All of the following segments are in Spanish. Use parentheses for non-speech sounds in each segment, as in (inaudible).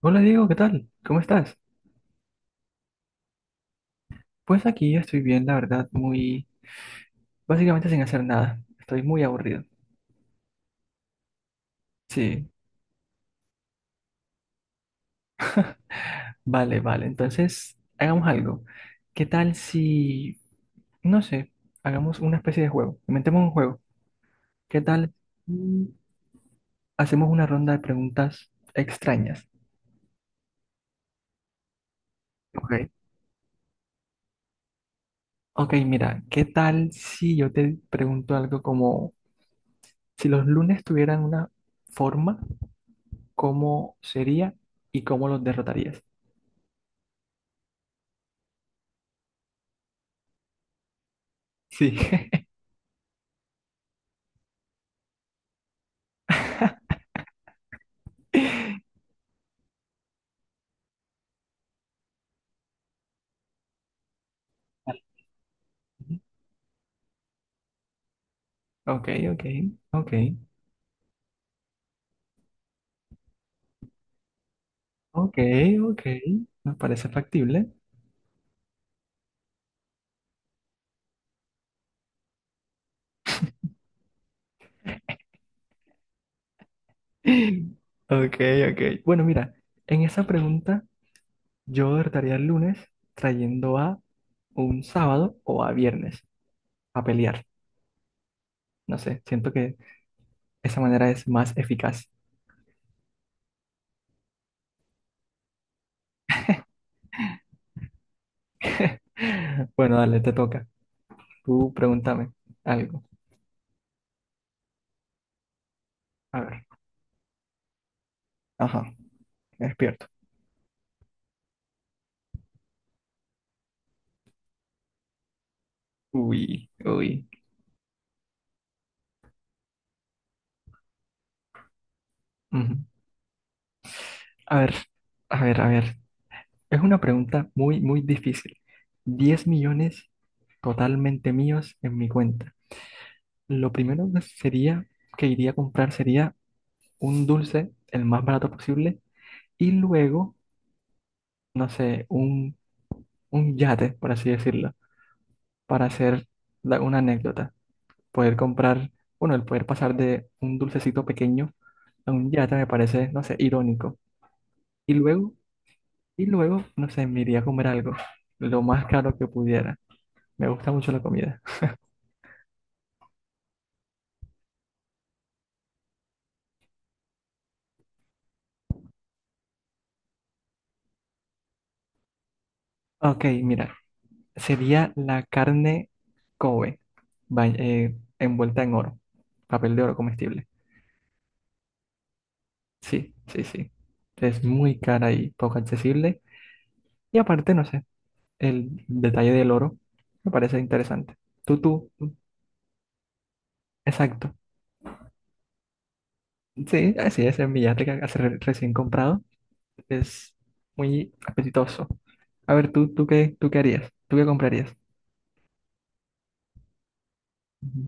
Hola Diego, ¿qué tal? ¿Cómo estás? Pues aquí yo estoy bien, la verdad, muy... básicamente sin hacer nada. Estoy muy aburrido. Sí, vale, vale. Entonces, hagamos algo. ¿Qué tal si, no sé, hagamos una especie de juego? Inventemos un juego. ¿Qué tal si hacemos una ronda de preguntas extrañas? Ok. Ok, mira, ¿qué tal si yo te pregunto algo como, si los lunes tuvieran una forma, ¿cómo sería y cómo los derrotarías? Sí. (laughs) (laughs) Ok, ok, ok, ok, ok. Me parece factible. (laughs) Ok, ok. Bueno, mira, en esa pregunta yo derrotaría el lunes trayendo a un sábado o a viernes a pelear. No sé, siento que esa manera es más eficaz. (laughs) Bueno, dale, te toca. Tú pregúntame algo. A ver. Ajá, me despierto. Uy, uy. Ujú. A ver, a ver, a ver. Es una pregunta muy, muy difícil. 10 millones totalmente míos en mi cuenta. Lo primero que sería que iría a comprar sería un dulce, el más barato posible, y luego, no sé, un yate, por así decirlo, para hacer una anécdota. Poder comprar, bueno, el poder pasar de un dulcecito pequeño a un yate me parece, no sé, irónico. Y luego, y luego, no sé, me iría a comer algo, lo más caro que pudiera. Me gusta mucho la comida. Ok, mira, sería la carne Kobe, envuelta en oro, papel de oro comestible. Sí, sí, sí. Es muy cara y poco accesible. Y aparte, no sé, el detalle del oro me parece interesante. Tú, tú, exacto. Sí, así es, el billete que hace recién comprado es muy apetitoso. A ver, tú, tú qué harías, tú qué comprarías. Ujú.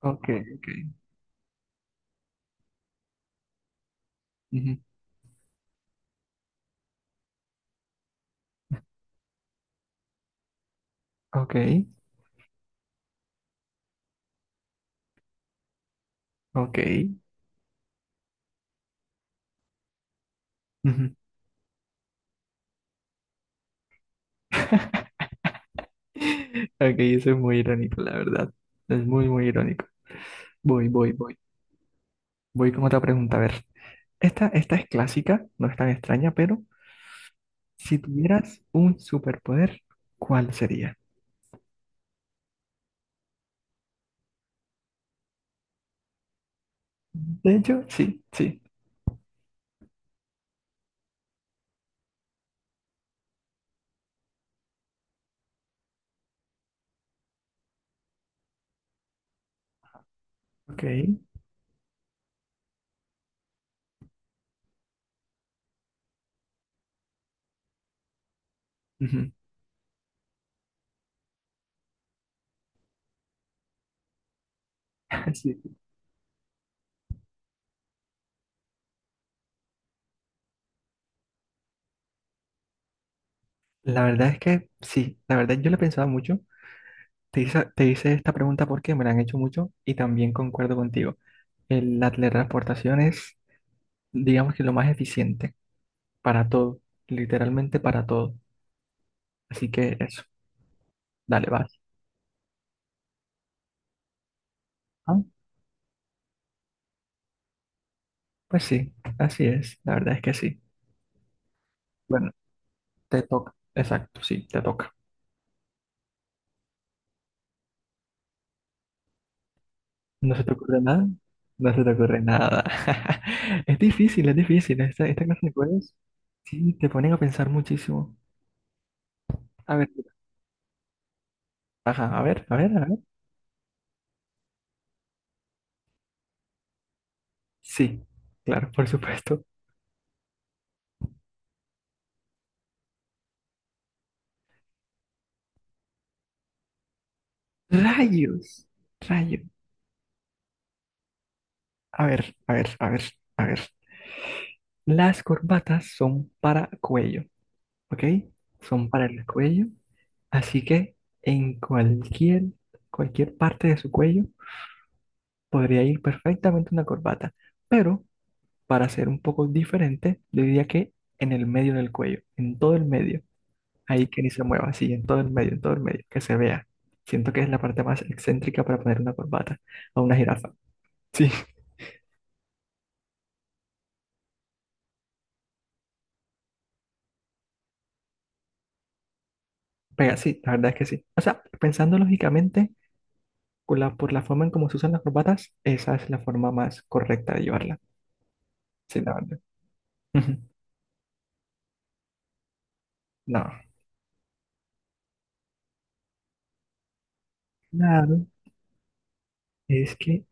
Ok, ok. Ujú. Ok, ok. Ujú. Ok, eso es muy irónico, la verdad. Es muy, muy irónico. Voy, voy, voy. Voy con otra pregunta. A ver, esta es clásica, no es tan extraña, pero si tuvieras un superpoder, ¿cuál sería? De hecho, sí, sí. Ok. Ujú, (laughs) sí. La verdad es que sí, la verdad yo lo he pensado mucho. Te hice esta pregunta porque me la han hecho mucho y también concuerdo contigo. La teletransportación es, digamos que lo más eficiente para todo, literalmente para todo. Así que eso, dale, vas. Ah, pues sí, así es, la verdad es que sí. Bueno, te toca, exacto, sí, te toca. ¿No se te ocurre nada? No se te ocurre nada. (laughs) Es difícil, es difícil. Esta clase de juegos sí te ponen a pensar muchísimo. A ver, ajá, a ver, a ver, a ver. Sí, claro, por supuesto. Rayos, rayos. A ver, a ver, a ver, a ver. Las corbatas son para cuello, ¿ok? Son para el cuello. Así que en cualquier, cualquier parte de su cuello podría ir perfectamente una corbata. Pero para ser un poco diferente, yo diría que en el medio del cuello, en todo el medio. Ahí que ni se mueva, así, en todo el medio, en todo el medio, que se vea. Siento que es la parte más excéntrica para poner una corbata a una jirafa. Sí, (laughs) pega, sí, la verdad es que sí. O sea, pensando lógicamente, por la forma en cómo se usan las corbatas, esa es la forma más correcta de llevarla. Sí, la verdad. (laughs) No. Claro, es que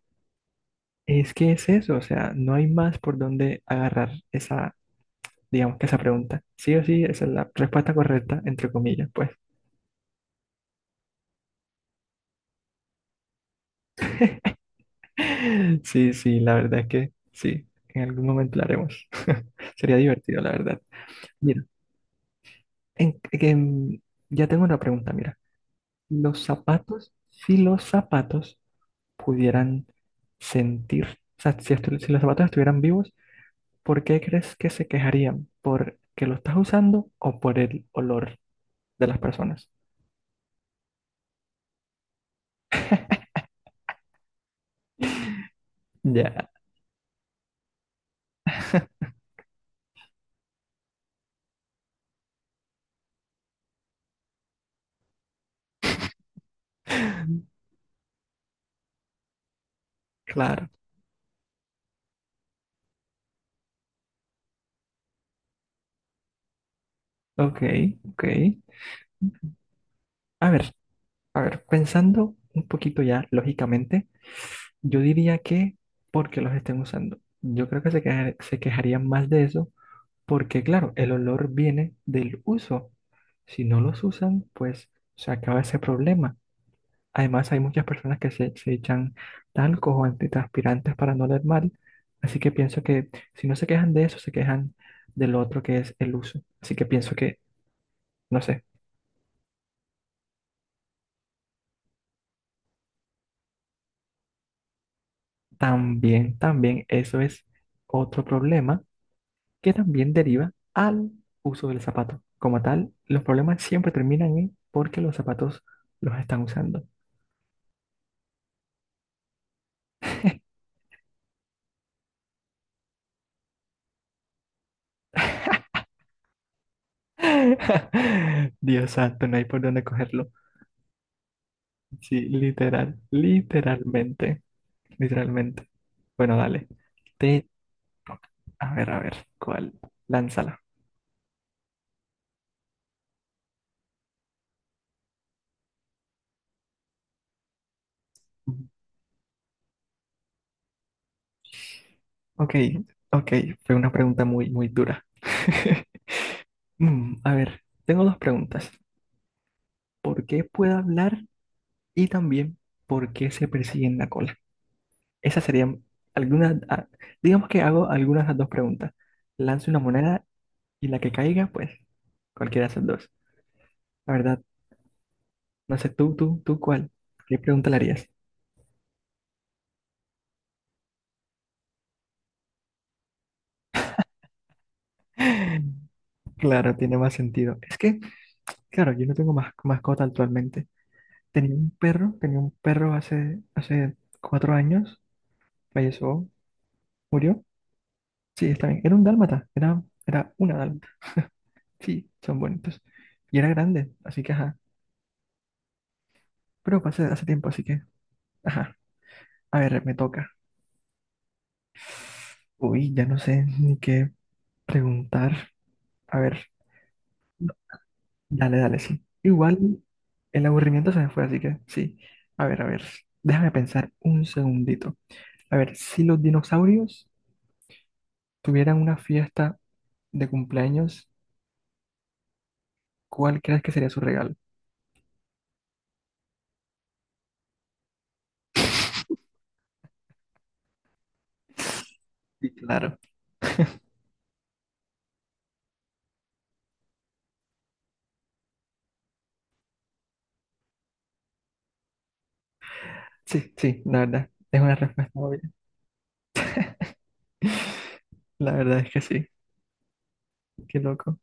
es que es eso, o sea, no hay más por dónde agarrar esa, digamos que esa pregunta. Sí o sí, esa es la respuesta correcta, entre comillas, pues. (laughs) Sí, sí, la verdad es que sí, en algún momento la haremos. (laughs) Sería divertido, la verdad. Mira, en- en- ya tengo una pregunta, mira. Los zapatos, si los zapatos pudieran sentir, o sea, si los zapatos estuvieran vivos, ¿por qué crees que se quejarían? ¿Por que lo estás usando o por el olor de las personas? Ya, (laughs) claro, ok, ok. A ver, a ver, pensando un poquito ya lógicamente, yo diría que porque los estén usando. Yo creo que se quejarían más de eso porque, claro, el olor viene del uso. Si no los usan, pues se acaba ese problema. Además, hay muchas personas que se echan talcos o antitranspirantes para no oler mal. Así que pienso que si no se quejan de eso, se quejan del otro que es el uso. Así que pienso. No sé. También, también, eso es otro problema que también deriva al uso del zapato. Como tal, los problemas siempre terminan en porque los zapatos los están usando. (laughs) Dios santo, no hay por dónde cogerlo. Sí, literal, literalmente, literalmente. Bueno, dale. Te, a ver, ¿cuál? Lánzala. Ok, ok, fue una pregunta muy, muy dura. (laughs) Mm, a ver, tengo dos preguntas. Por qué puede hablar y también por qué se persigue en la cola. Esas serían algunas, ah, digamos que hago algunas de las dos preguntas. Lanzo una moneda y la que caiga, pues cualquiera de esas dos. La verdad, no sé tú, tú, tú cuál, ¿qué pregunta le harías? (laughs) Claro, tiene más sentido. Es que, claro, yo no tengo más mascota actualmente. Tenía un perro hace, hace 4 años, falleció, murió. Sí, está bien. Era un dálmata, era, era una dálmata. Sí, son bonitos. Y era grande, así que ajá. Pero pasé hace hace tiempo, así que ajá. A ver, me toca. Uy, ya no sé ni qué preguntar. A ver, dale, dale, sí. Igual el aburrimiento se me fue, así que sí. A ver, a ver. Déjame pensar un segundito. A ver, si los dinosaurios tuvieran una fiesta de cumpleaños, ¿cuál crees que sería su regalo? Sí, claro. Sí, sí, la verdad. Es una respuesta obvia. (laughs) La verdad es que sí. Qué loco.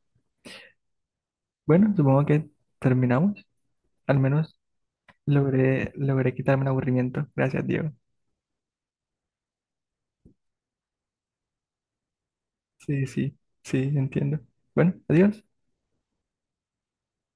Bueno, supongo que terminamos. Al menos logré, logré quitarme el aburrimiento. Gracias, Diego. Sí, sí, sí, entiendo. Bueno, adiós.